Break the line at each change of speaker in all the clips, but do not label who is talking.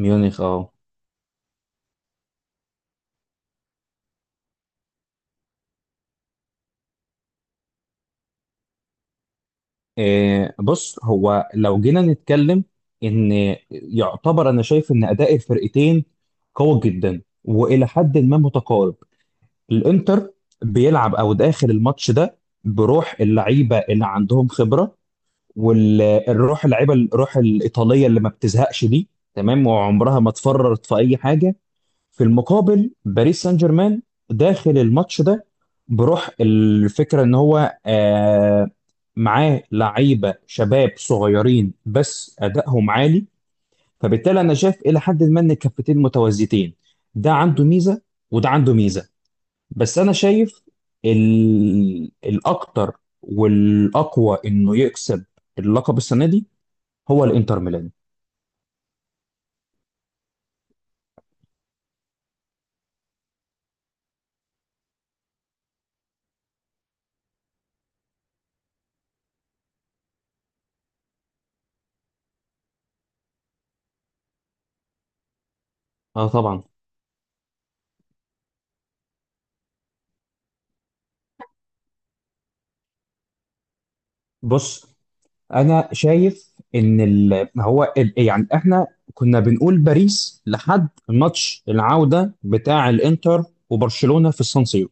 ميونخ اه. بص، هو لو جينا نتكلم ان يعتبر، انا شايف ان اداء الفرقتين قوي جدا والى حد ما متقارب. الانتر بيلعب او داخل الماتش ده بروح اللعيبه اللي عندهم خبره، والروح اللعيبه، الروح الايطاليه اللي ما بتزهقش دي. تمام، وعمرها ما اتفررت في اي حاجه. في المقابل باريس سان جيرمان داخل الماتش ده بروح الفكره ان هو معاه لعيبه شباب صغيرين بس ادائهم عالي. فبالتالي انا شايف الى حد ما ان الكفتين متوازيتين، ده عنده ميزه وده عنده ميزه. بس انا شايف الاكتر والاقوى انه يكسب اللقب السنه دي هو الانتر ميلان. اه طبعا. بص، انا شايف ان هو يعني احنا كنا بنقول باريس لحد ماتش العودة بتاع الانتر وبرشلونة في السان سيرو.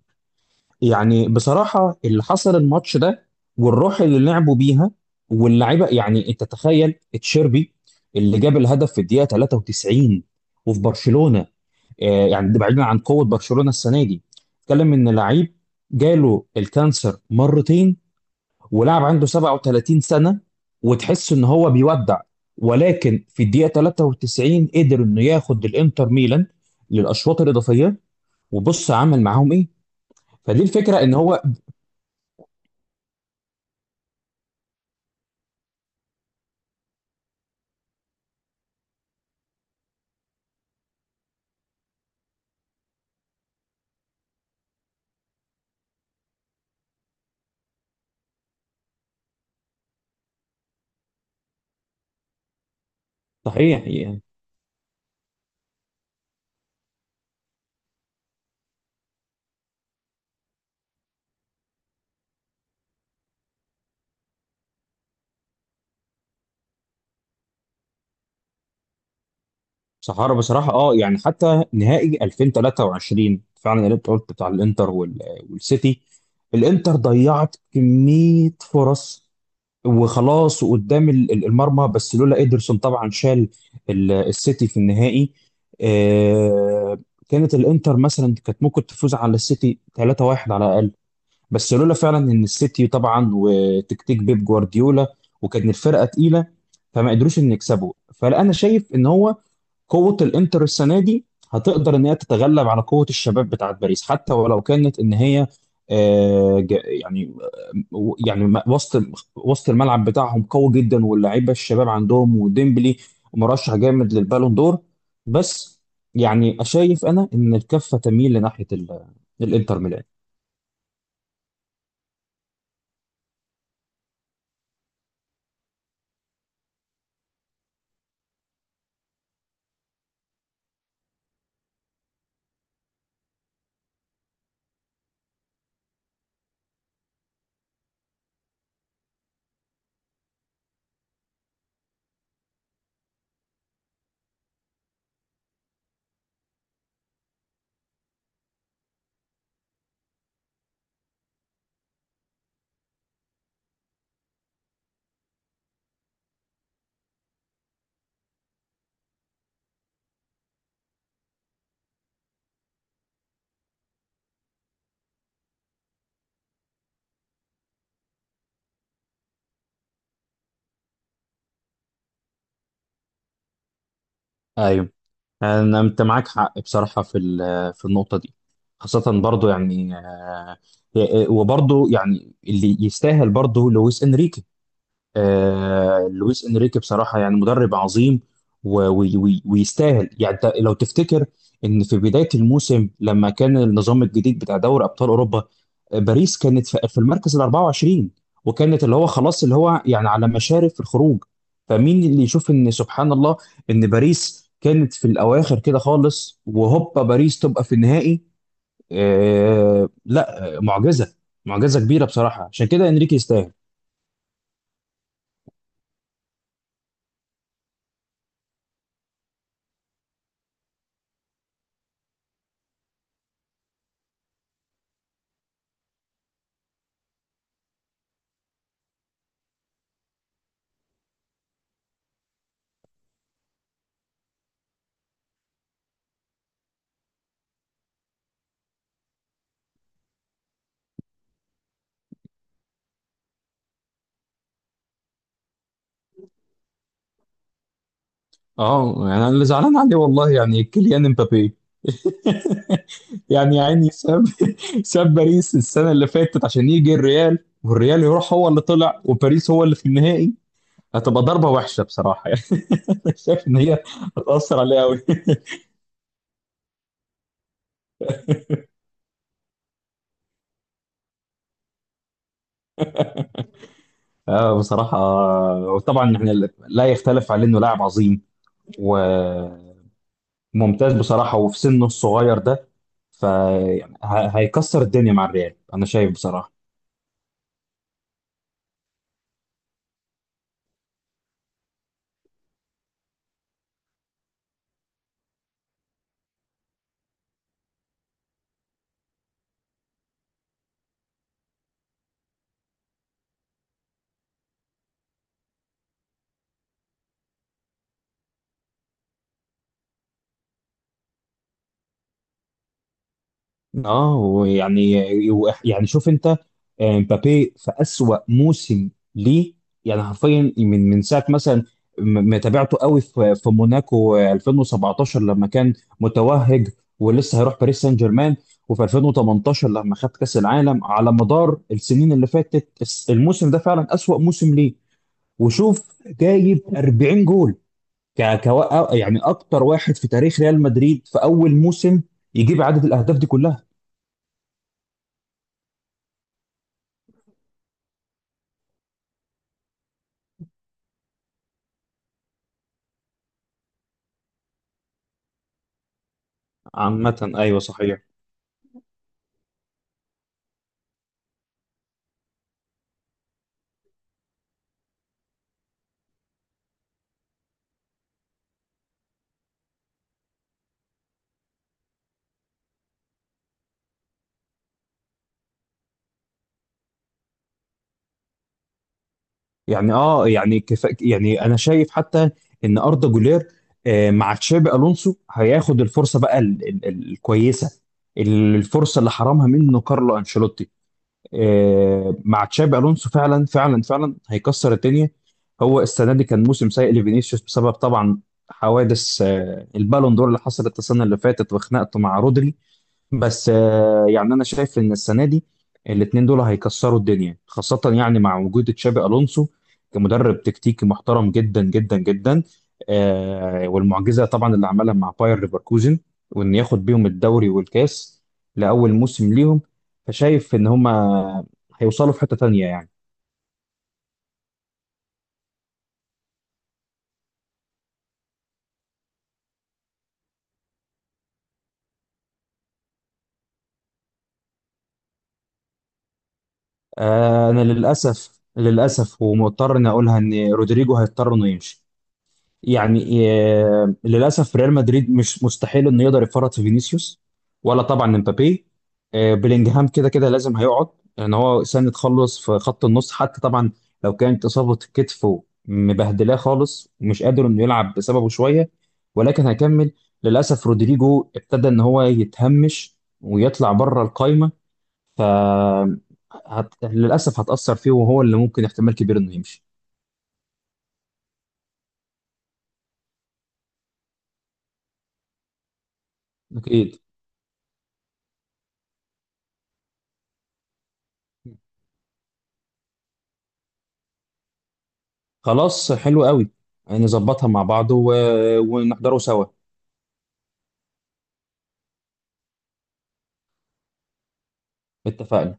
يعني بصراحة اللي حصل الماتش ده والروح اللي لعبوا بيها واللعيبة، يعني انت تخيل تشيربي اللي جاب الهدف في الدقيقة 93 وفي برشلونة، آه يعني ده بعيدا عن قوة برشلونة السنة دي، اتكلم ان لعيب جاله الكانسر مرتين ولاعب عنده 37 سنة وتحس ان هو بيودع، ولكن في الدقيقة 93 قدر انه ياخد الانتر ميلان للاشواط الاضافية. وبص عمل معاهم ايه، فدي الفكرة ان هو صحيح يعني. صحارى بصراحة، اه يعني حتى نهائي 2023 فعلا اللي انت قلت بتاع الانتر والسيتي، الانتر ضيعت كمية فرص وخلاص وقدام المرمى، بس لولا إيدرسون طبعا شال السيتي في النهائي. آه، كانت الانتر مثلا كانت ممكن تفوز على السيتي 3-1 على الأقل، بس لولا فعلا ان السيتي طبعا وتكتيك بيب جوارديولا وكانت الفرقة تقيلة فما قدروش ان يكسبوا. فانا شايف ان هو قوة الانتر السنة دي هتقدر ان هي تتغلب على قوة الشباب بتاعت باريس، حتى ولو كانت ان هي آه، ج- يعني آه، يعني م- وسط وسط الملعب بتاعهم قوي جدا واللعيبة الشباب عندهم وديمبلي مرشح جامد للبالون دور. بس يعني شايف انا ان الكفة تميل لناحية الانتر ميلان. ايوه، أنت معاك حق بصراحة في في النقطة دي. خاصة برضو يعني وبرضو يعني اللي يستاهل برضو لويس إنريكي. آه، لويس انريكي بصراحه يعني مدرب عظيم ويستاهل. يعني انت لو تفتكر ان في بدايه الموسم لما كان النظام الجديد بتاع دوري ابطال اوروبا، باريس كانت في المركز ال 24 وكانت اللي هو خلاص اللي هو يعني على مشارف الخروج. فمين اللي يشوف ان سبحان الله ان باريس كانت في الاواخر كده خالص وهوبا باريس تبقى في النهائي. آه لا، معجزه. معجزه كبيره بصراحه، عشان كده انريكي يستاهل. اه يعني انا اللي زعلان عليه والله يعني كيليان امبابي يعني يا عيني ساب ساب باريس السنه اللي فاتت عشان يجي الريال، والريال يروح هو اللي طلع وباريس هو اللي في النهائي. هتبقى ضربه وحشه بصراحه يعني، أنا شايف ان هي هتاثر عليه قوي آه بصراحه، وطبعا احنا لا يختلف عليه انه لاعب عظيم وممتاز بصراحه، وفي سنه الصغير ده فهيكسر الدنيا مع الريال انا شايف بصراحه. اه ويعني، شوف انت، مبابي في اسوأ موسم ليه. يعني حرفيا من ساعه مثلا متابعته قوي في موناكو 2017 لما كان متوهج ولسه هيروح باريس سان جيرمان، وفي 2018 لما خد كاس العالم. على مدار السنين اللي فاتت الموسم ده فعلا اسوأ موسم ليه. وشوف جايب 40 جول، يعني اكتر واحد في تاريخ ريال مدريد في اول موسم يجيب عدد الاهداف دي كلها. عامة ايوه صحيح. يعني اه، يعني كفا، يعني انا شايف حتى ان اردا جولير مع تشابي الونسو هياخد الفرصه بقى الكويسه، الفرصه اللي حرمها منه كارلو انشيلوتي. مع تشابي الونسو فعلا فعلا فعلا هيكسر الدنيا. هو السنه دي كان موسم سيء لفينيسيوس بسبب طبعا حوادث البالون دور اللي حصلت السنه اللي فاتت وخناقته مع رودري. بس يعني انا شايف ان السنه دي الاثنين دول هيكسروا الدنيا، خاصه يعني مع وجود تشابي الونسو كمدرب تكتيكي محترم جدا جدا جدا. والمعجزه طبعا اللي عملها مع باير ليفركوزن، وان ياخد بيهم الدوري والكاس لاول موسم ليهم، فشايف ان هما هيوصلوا في حته تانيه يعني. انا للاسف للاسف ومضطر اني اقولها ان رودريجو هيضطر انه يمشي، يعني للاسف ريال مدريد مش مستحيل انه يقدر يفرط في فينيسيوس ولا طبعا امبابي. بلينجهام كده كده لازم هيقعد لان هو سنة خلص في خط النص حتى طبعا، لو كانت اصابة كتفه مبهدلاه خالص ومش قادر انه يلعب بسببه شوية ولكن هيكمل. للاسف رودريجو ابتدى ان هو يتهمش ويطلع بره القايمة، ف للاسف هتأثر فيه، وهو اللي ممكن احتمال كبير انه يمشي. اكيد. خلاص حلو قوي، نظبطها مع بعض ونحضره سوا. اتفقنا